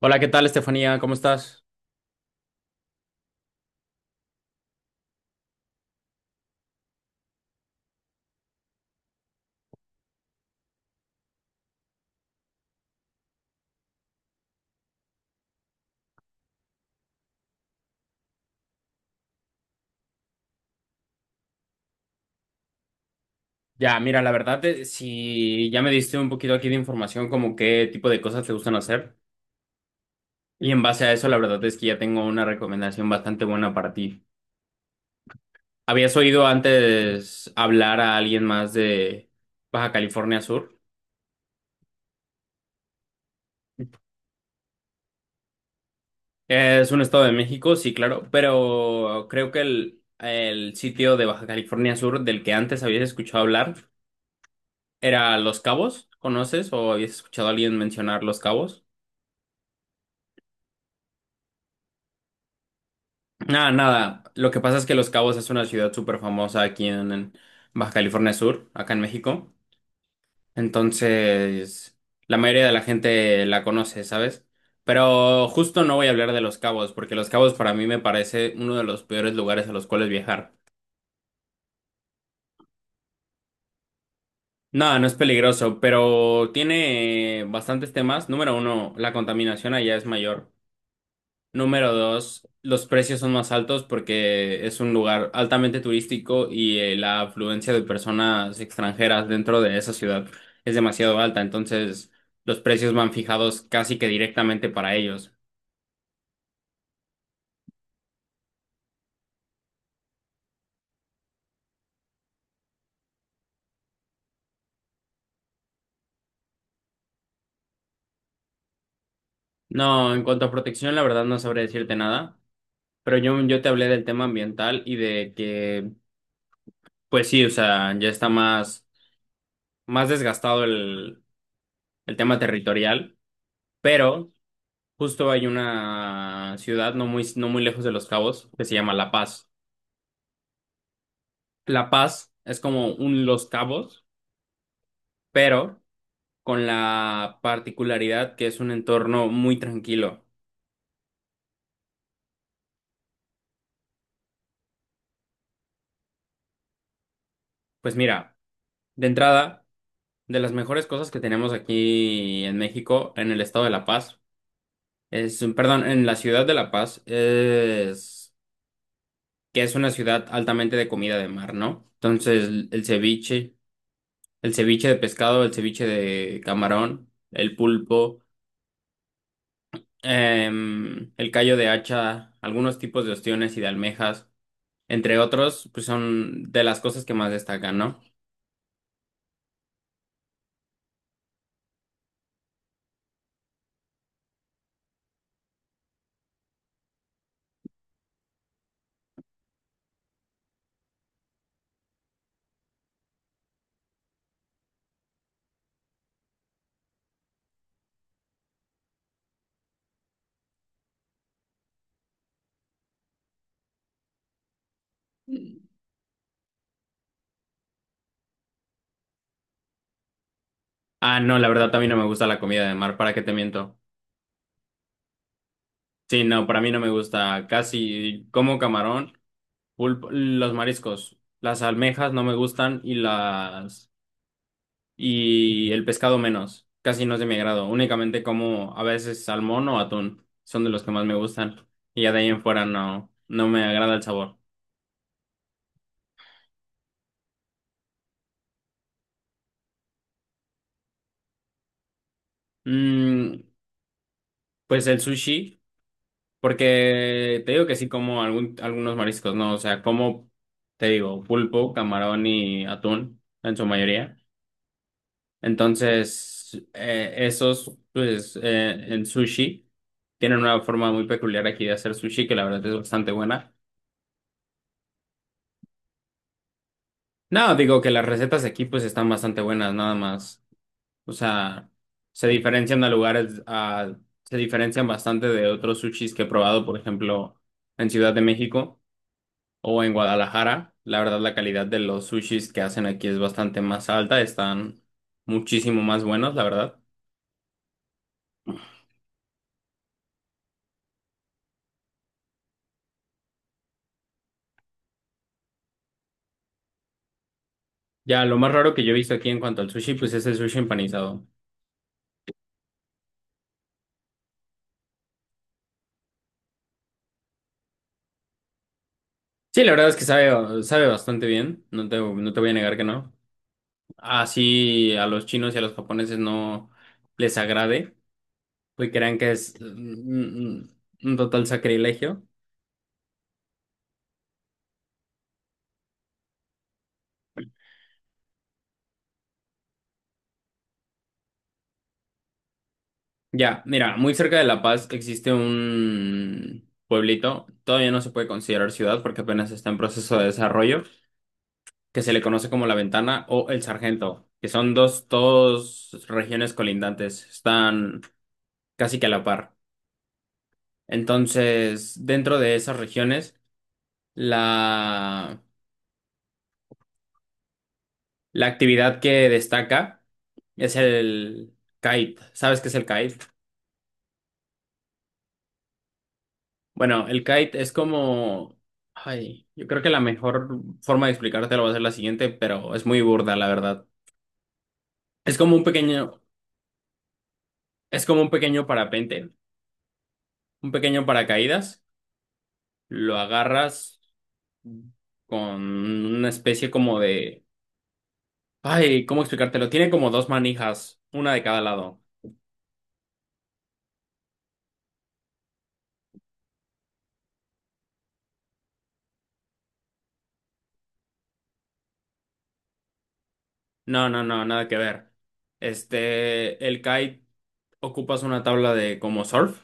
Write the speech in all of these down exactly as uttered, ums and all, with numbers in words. Hola, ¿qué tal, Estefanía? ¿Cómo estás? Ya, mira, la verdad, eh, si ya me diste un poquito aquí de información como qué tipo de cosas te gustan hacer, y en base a eso, la verdad es que ya tengo una recomendación bastante buena para ti. ¿Habías oído antes hablar a alguien más de Baja California Sur? Es un estado de México, sí, claro, pero creo que el, el sitio de Baja California Sur del que antes habías escuchado hablar era Los Cabos. ¿Conoces o habías escuchado a alguien mencionar Los Cabos? Nada, nada. Lo que pasa es que Los Cabos es una ciudad súper famosa aquí en, en Baja California Sur, acá en México. Entonces, la mayoría de la gente la conoce, ¿sabes? Pero justo no voy a hablar de Los Cabos, porque Los Cabos para mí me parece uno de los peores lugares a los cuales viajar. No, no es peligroso, pero tiene bastantes temas. Número uno, la contaminación allá es mayor. Número dos, los precios son más altos porque es un lugar altamente turístico y eh, la afluencia de personas extranjeras dentro de esa ciudad es demasiado alta, entonces los precios van fijados casi que directamente para ellos. No, en cuanto a protección, la verdad no sabré decirte nada, pero yo, yo te hablé del tema ambiental y de que, pues sí, o sea, ya está más, más desgastado el, el tema territorial, pero... Justo hay una ciudad no muy, no muy lejos de Los Cabos que se llama La Paz. La Paz es como un Los Cabos, pero con la particularidad que es un entorno muy tranquilo. Pues mira, de entrada, de las mejores cosas que tenemos aquí en México, en el estado de La Paz, es, perdón, en la ciudad de La Paz, es que es una ciudad altamente de comida de mar, ¿no? Entonces, el ceviche, el ceviche de pescado, el ceviche de camarón, el pulpo. Em, el callo de hacha, algunos tipos de ostiones y de almejas, entre otros, pues son de las cosas que más destacan, ¿no? Ah, no, la verdad también no me gusta la comida de mar, ¿para qué te miento? Sí, no, para mí no me gusta casi, como camarón, pulpo, los mariscos, las almejas no me gustan y las y el pescado menos, casi no es de mi agrado, únicamente como a veces salmón o atún, son de los que más me gustan y ya de ahí en fuera no, no me agrada el sabor. Mm, Pues el sushi, porque te digo que sí como algún, algunos mariscos, ¿no? O sea, como, te digo, pulpo, camarón y atún en su mayoría. Entonces, eh, esos, pues, eh, en sushi, tienen una forma muy peculiar aquí de hacer sushi que la verdad es bastante buena. No, digo que las recetas aquí pues están bastante buenas, nada más. O sea, se diferencian a lugares, a- se diferencian bastante de otros sushis que he probado, por ejemplo, en Ciudad de México o en Guadalajara. La verdad, la calidad de los sushis que hacen aquí es bastante más alta, están muchísimo más buenos, la verdad. Ya, lo más raro que yo he visto aquí en cuanto al sushi, pues es el sushi empanizado. Sí, la verdad es que sabe, sabe bastante bien, no te, no te voy a negar que no. Así a los chinos y a los japoneses no les agrade, pues crean que es mm, mm, un total sacrilegio. Ya, mira, muy cerca de La Paz existe un pueblito, todavía no se puede considerar ciudad porque apenas está en proceso de desarrollo, que se le conoce como La Ventana o El Sargento, que son dos, dos regiones colindantes, están casi que a la par. Entonces, dentro de esas regiones, la, la actividad que destaca es el kite. ¿Sabes qué es el kite? Bueno, el kite es como... Ay, yo creo que la mejor forma de explicártelo va a ser la siguiente, pero es muy burda, la verdad. Es como un pequeño, es como un pequeño parapente, un pequeño paracaídas. Lo agarras con una especie como de... Ay, ¿cómo explicártelo? Tiene como dos manijas, una de cada lado. No, no, no, nada que ver. Este, el kite ocupas una tabla de como surf.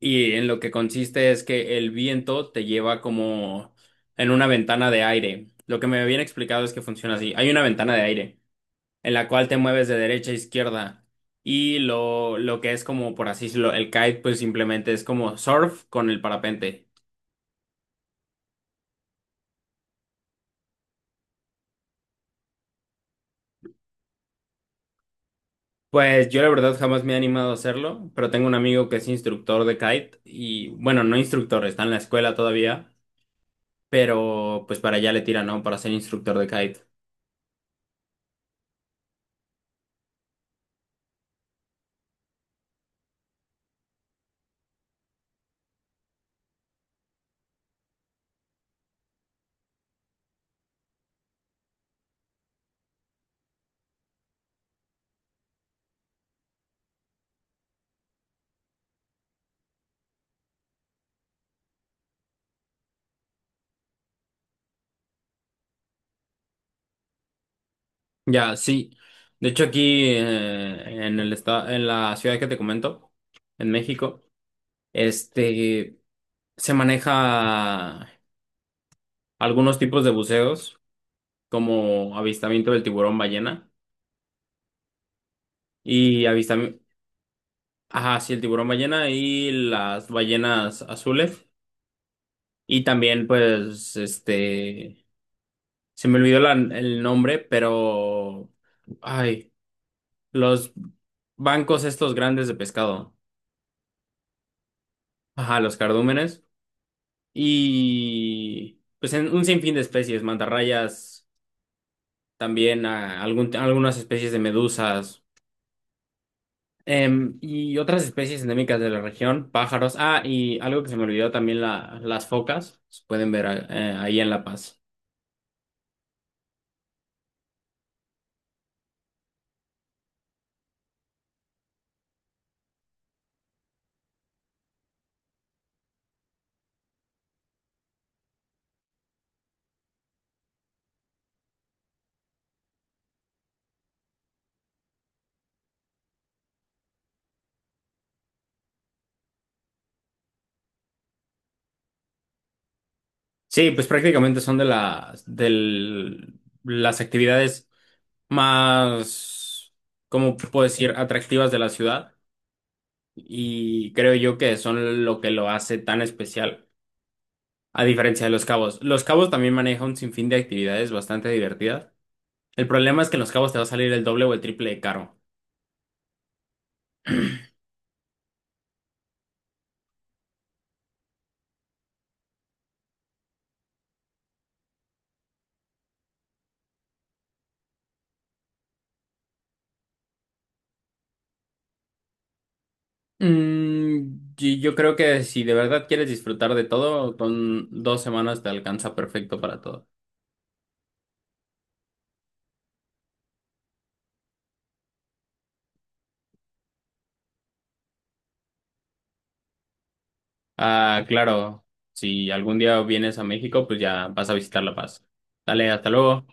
Y en lo que consiste es que el viento te lleva como en una ventana de aire. Lo que me habían explicado es que funciona así. Hay una ventana de aire en la cual te mueves de derecha a izquierda. Y lo, lo que es como, por así decirlo, el kite, pues simplemente es como surf con el parapente. Pues yo la verdad jamás me he animado a hacerlo, pero tengo un amigo que es instructor de kite y bueno, no instructor, está en la escuela todavía, pero pues para allá le tira, ¿no? Para ser instructor de kite. Ya, sí. De hecho, aquí eh, en el estado, en la ciudad que te comento, en México, este se maneja algunos tipos de buceos, como avistamiento del tiburón ballena y avistamiento, ajá, sí, el tiburón ballena y las ballenas azules. Y también, pues, este, se me olvidó la- el nombre, pero, ay, los bancos estos grandes de pescado, ajá, los cardúmenes. Y pues en un sinfín de especies, mantarrayas, también a algún- algunas especies de medusas, em, y otras especies endémicas de la región, pájaros. Ah, y algo que se me olvidó también, la- las focas, se pueden ver a- eh, ahí en La Paz. Sí, pues prácticamente son de las, del, las actividades más, ¿cómo puedo decir?, atractivas de la ciudad y creo yo que son lo que lo hace tan especial. A diferencia de los cabos, los cabos también maneja un sinfín de actividades bastante divertidas. El problema es que en los cabos te va a salir el doble o el triple de caro. Mm, y yo creo que si de verdad quieres disfrutar de todo, con dos semanas te alcanza perfecto para todo. Ah, claro, si algún día vienes a México, pues ya vas a visitar La Paz. Dale, hasta luego.